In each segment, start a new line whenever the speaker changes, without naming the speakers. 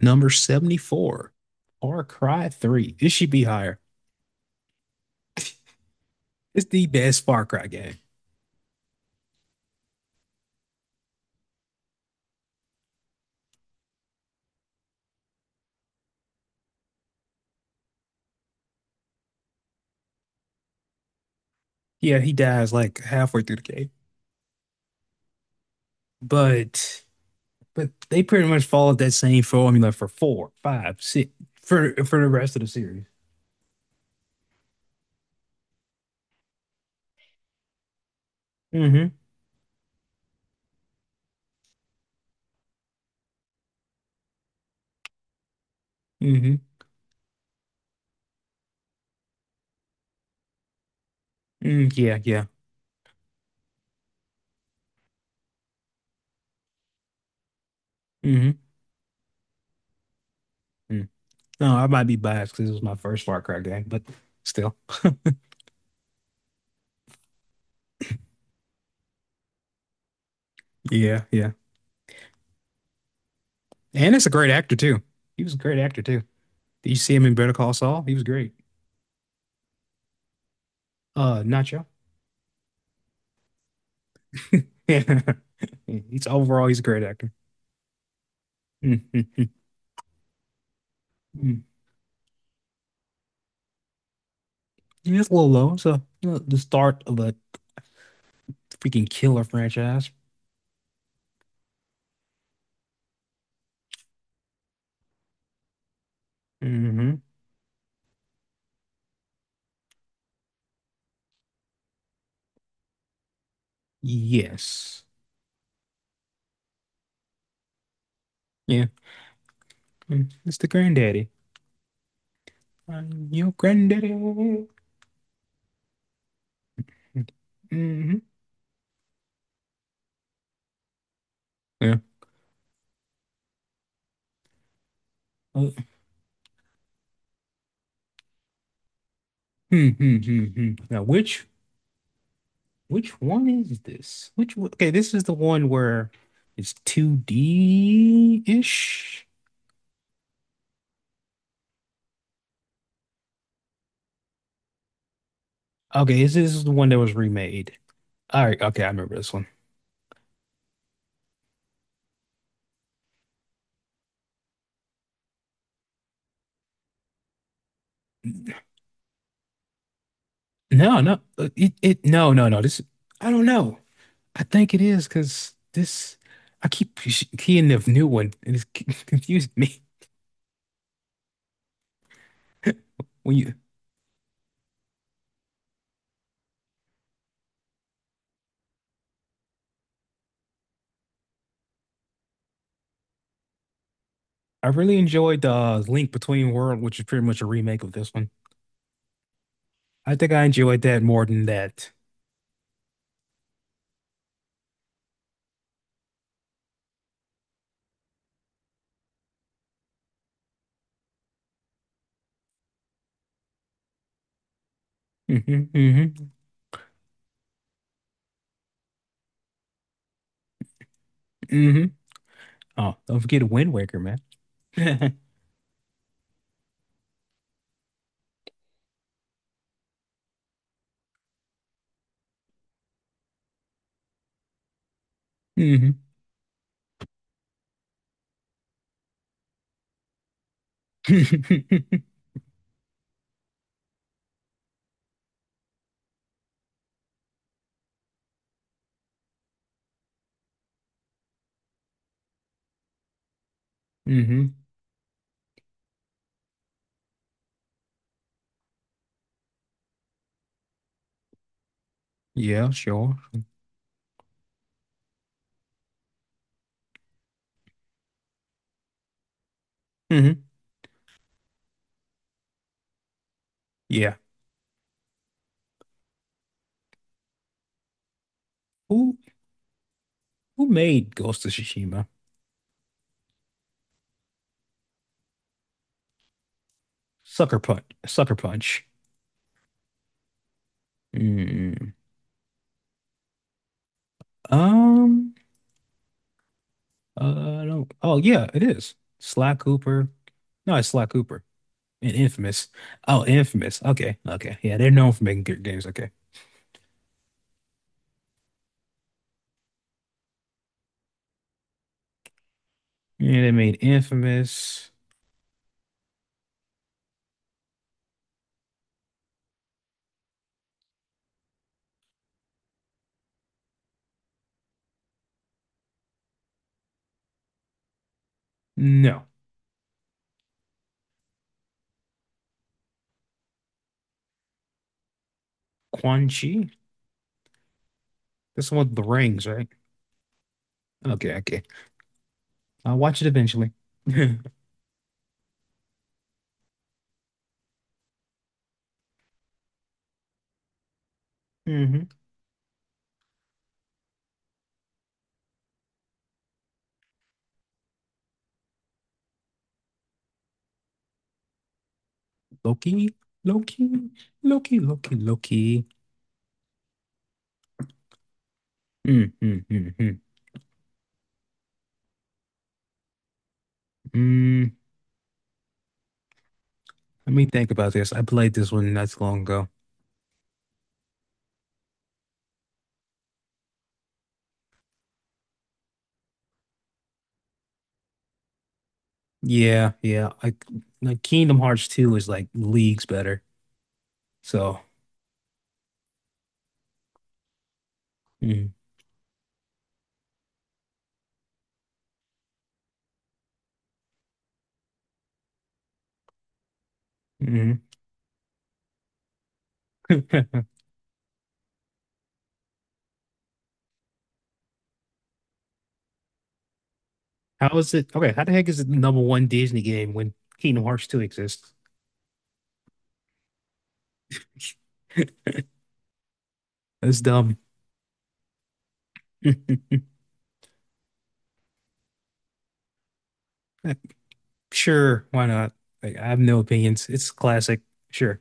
Number 74, Far Cry 3. This should be higher. It's the best Far Cry game. Yeah, he dies like halfway through the game. But but they pretty much followed that same formula for four, five, six for the rest of the series. Mm-hmm. Mm-hmm. Mm, yeah, yeah. Mm-hmm. Mm. No, I might be biased because it was my first Far Cry game, but still. Yeah, yeah. And it's a great actor too. He was a great actor too. Did you see him in Better Call Saul? He was great. Nacho. Yeah. He's overall, he's a great actor. Mm-hmm. It's a little low. So, the start of a freaking killer franchise. Hmm. Yes. Yeah. Mm. It's the granddaddy. I'm your granddaddy. Hmm. Yeah. Uh, hmm, hmm, hmm, hmm. Now which one is this? Okay, this is the one where it's 2D-ish. Okay, this is the one that was remade. All right, okay, I remember this one. No, no, no, no, no. I don't know. I think it is because I keep keying the new one, and it's confused me. When you, I really enjoyed the Link Between World, which is pretty much a remake of this one. I think I enjoyed that more than that. Hmm. Hmm. Hmm. Oh, don't forget Wind Waker, man. Hmm. Hmm. Yeah, sure. Hmm. Yeah. Who, who made Ghost of Tsushima? Sucker Punch. Sucker Punch. Mm-hmm. Um, I don't. Oh, yeah, it is. Sly Cooper. No, it's Sly Cooper. And Infamous. Oh, Infamous. Okay, okay. Yeah, they're known for making good games. Okay. Yeah, they made Infamous. No, Quan Chi. That's the one with the rings, right? Okay, okay. I'll watch it eventually. Hmm. Loki, Loki, Loki, Loki, Loki. Mm, mm, mm, mm. Mm, let me think about this. I played this one not too long ago. Yeah, yeah. I, like, Kingdom Hearts 2 is like leagues better. So, mm, mhm. How is it? Okay, how the heck is it the number one Disney game when Kingdom Hearts 2 exists? That's dumb. Sure, why not? Like, I have no opinions. It's classic. Sure.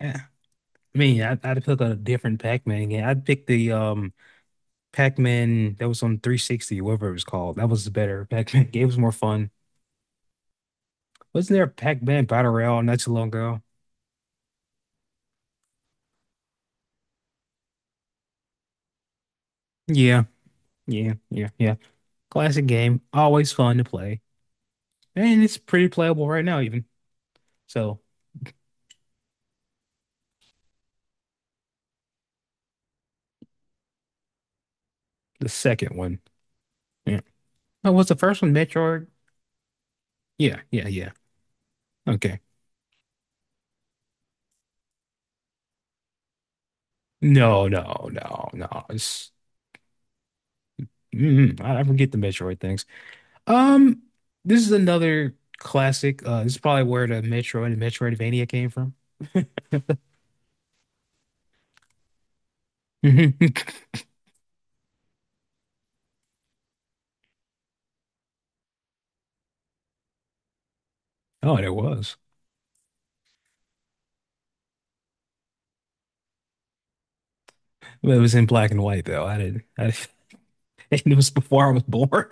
Yeah. I mean, I'd pick a different Pac-Man game. I'd pick the Pac-Man that was on 360, whatever it was called. That was the better Pac-Man game. It was more fun. Wasn't there a Pac-Man Battle Royale not too long ago? Yeah, yeah, yeah, yeah. Classic game, always fun to play, and it's pretty playable right now even. So the second one, yeah. Oh, was the first one Metroid? Yeah, yeah, yeah. Okay. No, no, no, no. I forget the Metroid things. Um, this is another classic. This is probably where the Metroid and Metroidvania came from. Oh, and it was. It was in black and white though. I didn't. I, it was before I was born.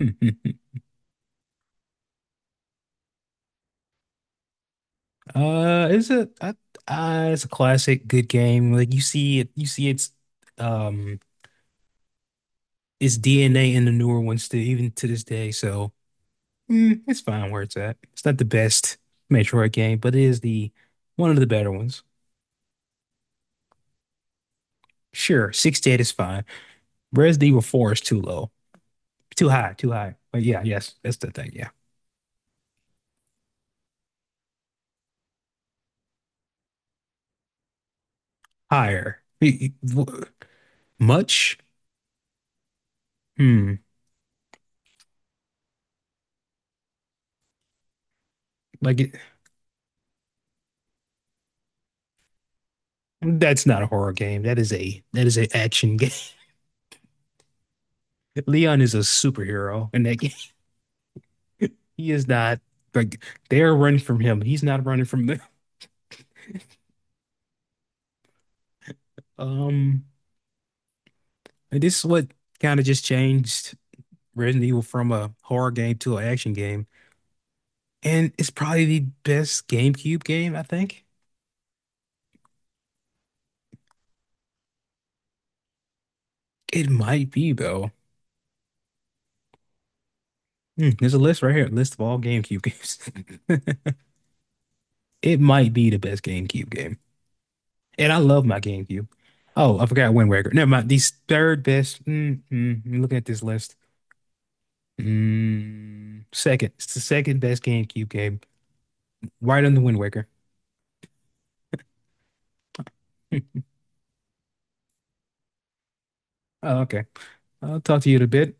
Uh, it's a I, it's a classic good game. Like you see it, you see um its DNA in the newer ones to even to this day. So, it's fine where it's at. It's not the best Metroid game, but it is the one of the better ones. Sure, 68 is fine. Res Evil 4 is too low, too high, too high. But yeah, yes, that's the thing. Yeah, higher. Much? Hmm. Like it, that's not a horror game. That is a that is an action. Leon is a superhero in that game. He is not like they're running from him. He's not running from them. Um, and this is what kind of just changed Resident Evil from a horror game to an action game. And it's probably the best GameCube game, I think. It might be though. Hmm, there's a list right here, a list of all GameCube games. It might be the best GameCube game. And I love my GameCube. Oh, I forgot Wind Waker. Never mind. The third best. Mm, mm, I'm looking at this list. Mm, second. It's the second best GameCube game, right under Wind Waker. Oh, okay. I'll talk to you in a bit.